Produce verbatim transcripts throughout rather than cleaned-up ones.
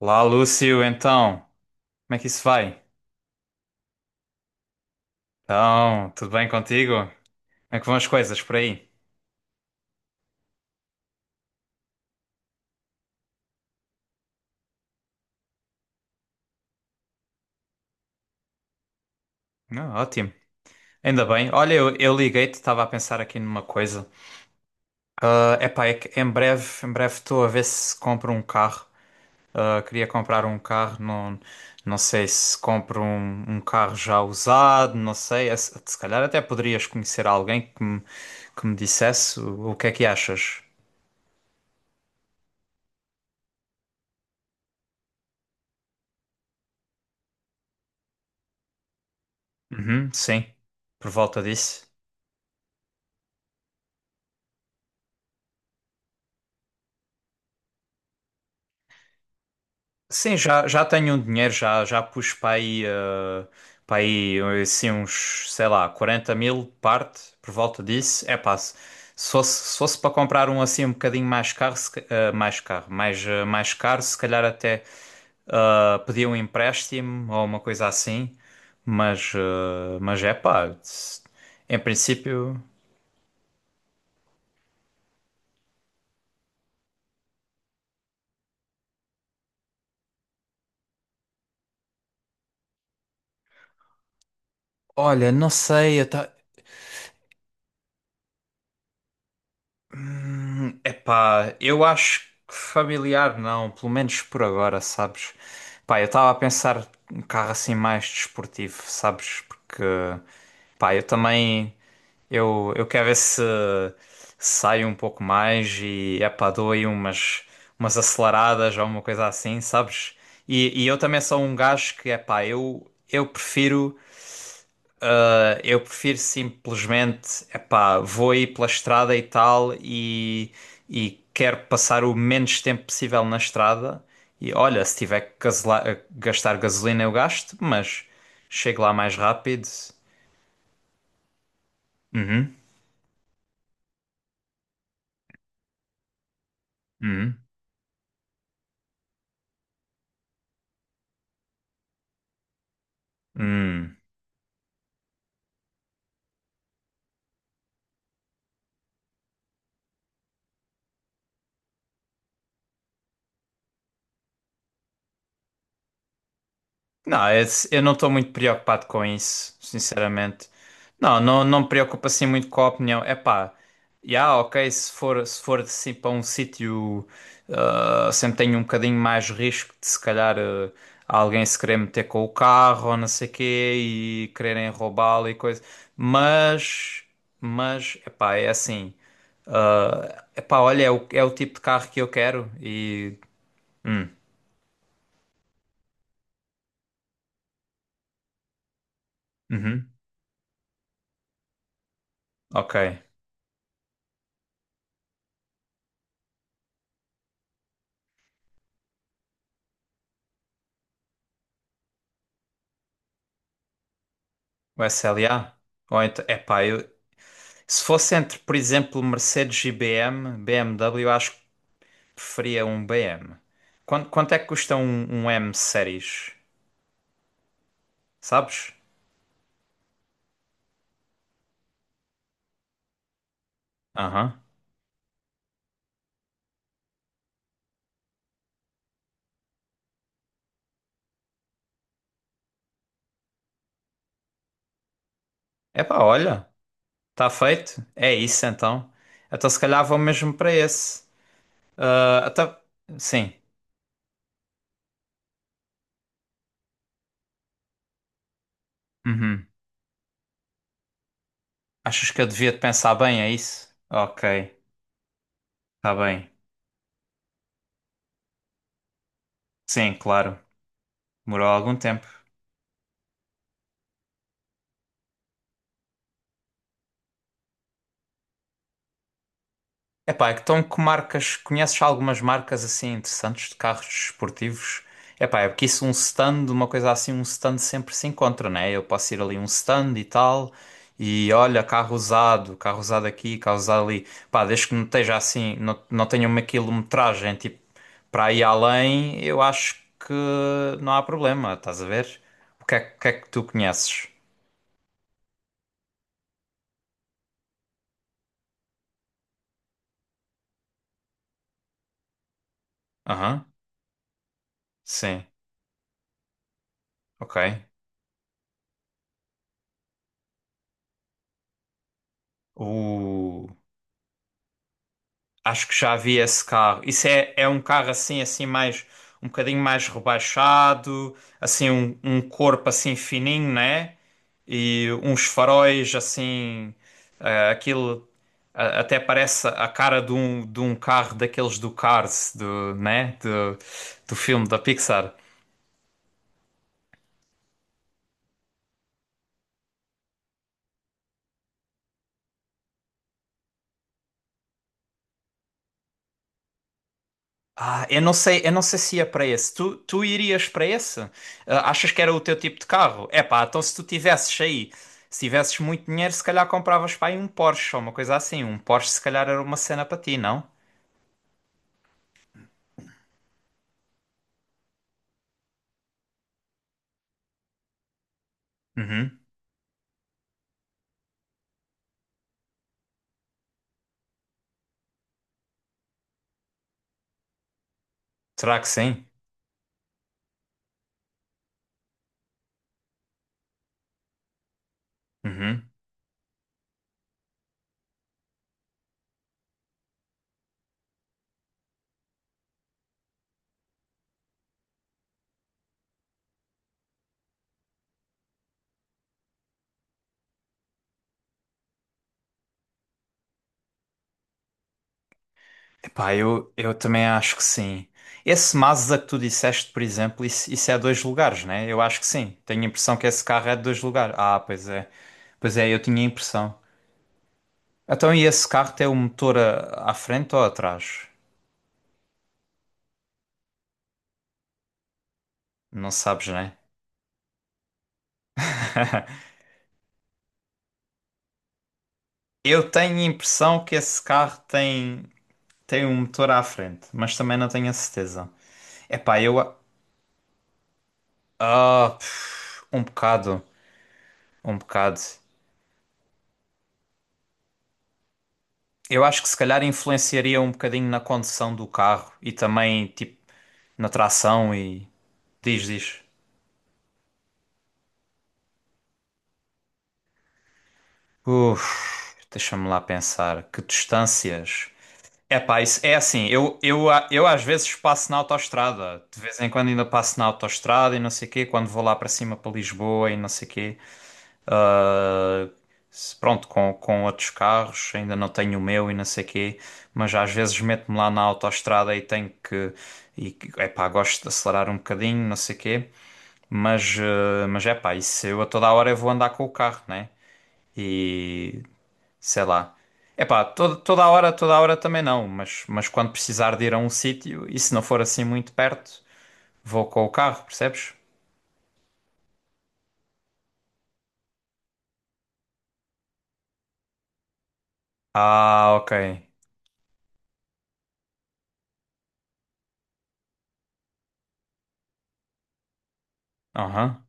Lá, Lúcio, então, como é que isso vai? Então, tudo bem contigo? Como é que vão as coisas por aí? Ah, ótimo, ainda bem. Olha, eu, eu liguei-te, estava a pensar aqui numa coisa. Ah, epá, é que em breve, em breve estou a ver se compro um carro. Ah, queria comprar um carro, não, não sei se compro um, um carro já usado, não sei. É. Se se calhar até poderias conhecer alguém que me, que me dissesse o, o que é que achas. Uhum, sim, por volta disso. Sim, já, já tenho um dinheiro, já, já pus para aí, eh, para aí eh, assim, uns, sei lá, quarenta mil parte por volta disso. É pá, se se fosse, se fosse para comprar um assim um bocadinho mais caro, se ca- eh, mais caro, mais, eh, mais caro, se calhar até eh, pedir um empréstimo ou uma coisa assim. Mas, eh, mas é pá, se- em princípio, olha, não sei, eu ta-. Hum, epá, eu acho que familiar não, pelo menos por agora, sabes? Pá, eu estava a pensar um carro assim mais desportivo, sabes? Porque, pá, eu também, eu, eu quero ver se saio um pouco mais e, epá, dou aí umas, umas aceleradas ou uma coisa assim, sabes? E, e eu também sou um gajo que, epá, eu, eu prefiro. Eh, Eu prefiro simplesmente, epá, vou aí pela estrada e tal e, e quero passar o menos tempo possível na estrada. E olha, se tiver que gasela- gastar gasolina eu gasto, mas chego lá mais rápido. Uhum, uhum, uhum. Não, esse- eu não estou muito preocupado com isso, sinceramente. Não, não, não me preocupa assim muito com a opinião. É pá, já, ok, se for, se for assim para um sítio, ah, sempre tenho um bocadinho mais risco de se calhar ah, alguém se querer meter com o carro ou não sei quê e quererem roubá-lo e coisa. Mas, mas, é pá, é assim. É epá, olha, é o, é o tipo de carro que eu quero e. Hum, uhum, ok. O S L A? Ou então, epá, eu, se fosse entre, por exemplo, Mercedes e B M, B M W, eu acho que preferia um B M. Quanto, quanto é que custa um, um M Series? Sabes? Aham. Epá, olha, está feito. É isso então. Então se calhar vou mesmo para esse. Ah, até, sim. Uhum. Achas que eu devia de pensar bem, é isso? Ok, está bem. Sim, claro. Demorou algum tempo. Epá, então que marcas, conheces algumas marcas assim interessantes de carros desportivos? Epá, é porque isso um stand, uma coisa assim, um stand sempre se encontra, né? Eu posso ir ali um stand e tal, e olha, carro usado, carro usado aqui, carro usado ali. Pá, desde que não esteja assim, não, não tenha uma quilometragem, tipo, para ir além, eu acho que não há problema, estás a ver? O que é, o que é que tu conheces? Aham, sim, ok. Acho que já vi esse carro. Isso é, é um carro assim, assim mais um bocadinho mais rebaixado, assim um, um corpo assim fininho, né? E uns faróis assim, eh, aquilo a- até parece a cara de um, de um carro daqueles do Cars, do, né? Do, do filme da Pixar. Ah, eu não sei, eu não sei se ia para esse. Tu, tu irias para esse? Ah, achas que era o teu tipo de carro? É pá, então se tu tivesses aí, se tivesses muito dinheiro, se calhar compravas para aí um Porsche ou uma coisa assim. Um Porsche se calhar era uma cena para ti, não? Uhum. Será que sim? Uhum. Epá, eu, eu também acho que sim. Esse Mazda que tu disseste, por exemplo, isso, isso é dois lugares, né? Eu acho que sim. Tenho a impressão que esse carro é de dois lugares. Ah, pois é. Pois é, eu tinha a impressão. Então, e esse carro tem o motor a- à frente ou atrás? Não sabes, né? Eu tenho a impressão que esse carro tem, tem um motor à frente, mas também não tenho a certeza. Epá, eu. a-. Ah, pff, um bocado, um bocado. Eu acho que se calhar influenciaria um bocadinho na condução do carro e também, tipo, na tração e. Diz, diz. Uf, deixa-me lá pensar. Que distâncias. É, pá, isso é assim, eu, eu, a- eu às vezes passo na autoestrada, de vez em quando ainda passo na autoestrada e não sei quê, quando vou lá para cima para Lisboa e não sei quê, ah, se- pronto, com, com outros carros, ainda não tenho o meu e não sei quê, mas às vezes meto-me lá na autoestrada e tenho que, e, é pá, gosto de acelerar um bocadinho, não sei quê, mas, ah, mas é pá, isso eu a toda hora eu vou andar com o carro, né? Sei lá. Epá, toda, toda a hora, toda a hora também não, mas, mas quando precisar de ir a um sítio, e se não for assim muito perto, vou com o carro, percebes? Ah, ok. Aham.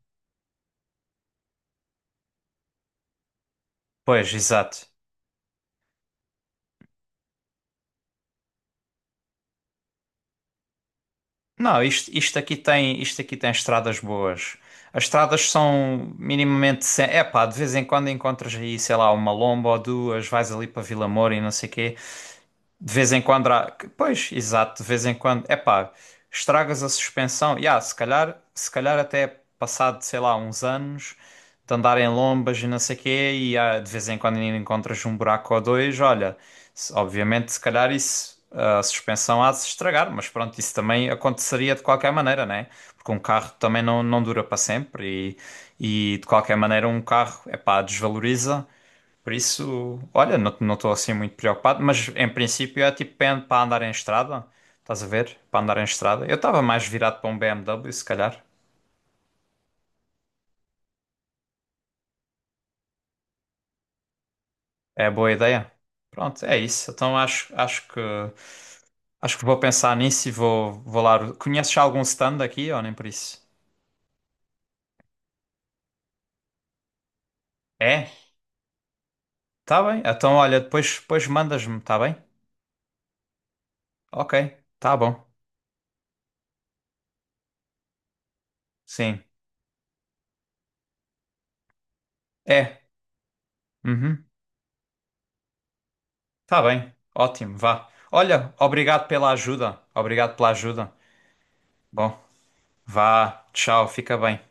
Pois, exato. Não, isto, isto aqui tem, isto aqui tem estradas boas. As estradas são minimamente sem... Epá, de vez em quando encontras aí, sei lá, uma lomba ou duas, vais ali para Vila Moura e não sei quê. De vez em quando há... Pois, exato, de vez em quando. Epá, estragas a suspensão. Ya, se calhar, se calhar até passado, sei lá, uns anos de andar em lombas e não sei quê, e ah, de vez em quando ainda encontras um buraco ou dois, olha, se- obviamente se calhar isso, a suspensão há de se estragar, mas pronto, isso também aconteceria de qualquer maneira, né? Porque um carro também não, não dura para sempre e, e de qualquer maneira um carro, epá, desvaloriza. Por isso, olha, não não estou assim muito preocupado, mas em princípio é tipo para para andar em estrada, estás a ver? Para andar em estrada. Eu estava mais virado para um B M W, se calhar. É boa ideia. Pronto, é isso. Então acho, acho que acho que vou pensar nisso e vou, vou lá. Conheces já algum stand aqui ou nem por isso? É? Tá bem. Então olha, depois, depois mandas-me, tá bem? Ok, tá bom. Sim. É. Uhum. Tá bem. Ótimo, vá. Olha, obrigado pela ajuda. Obrigado pela ajuda. Bom. Vá, tchau, fica bem.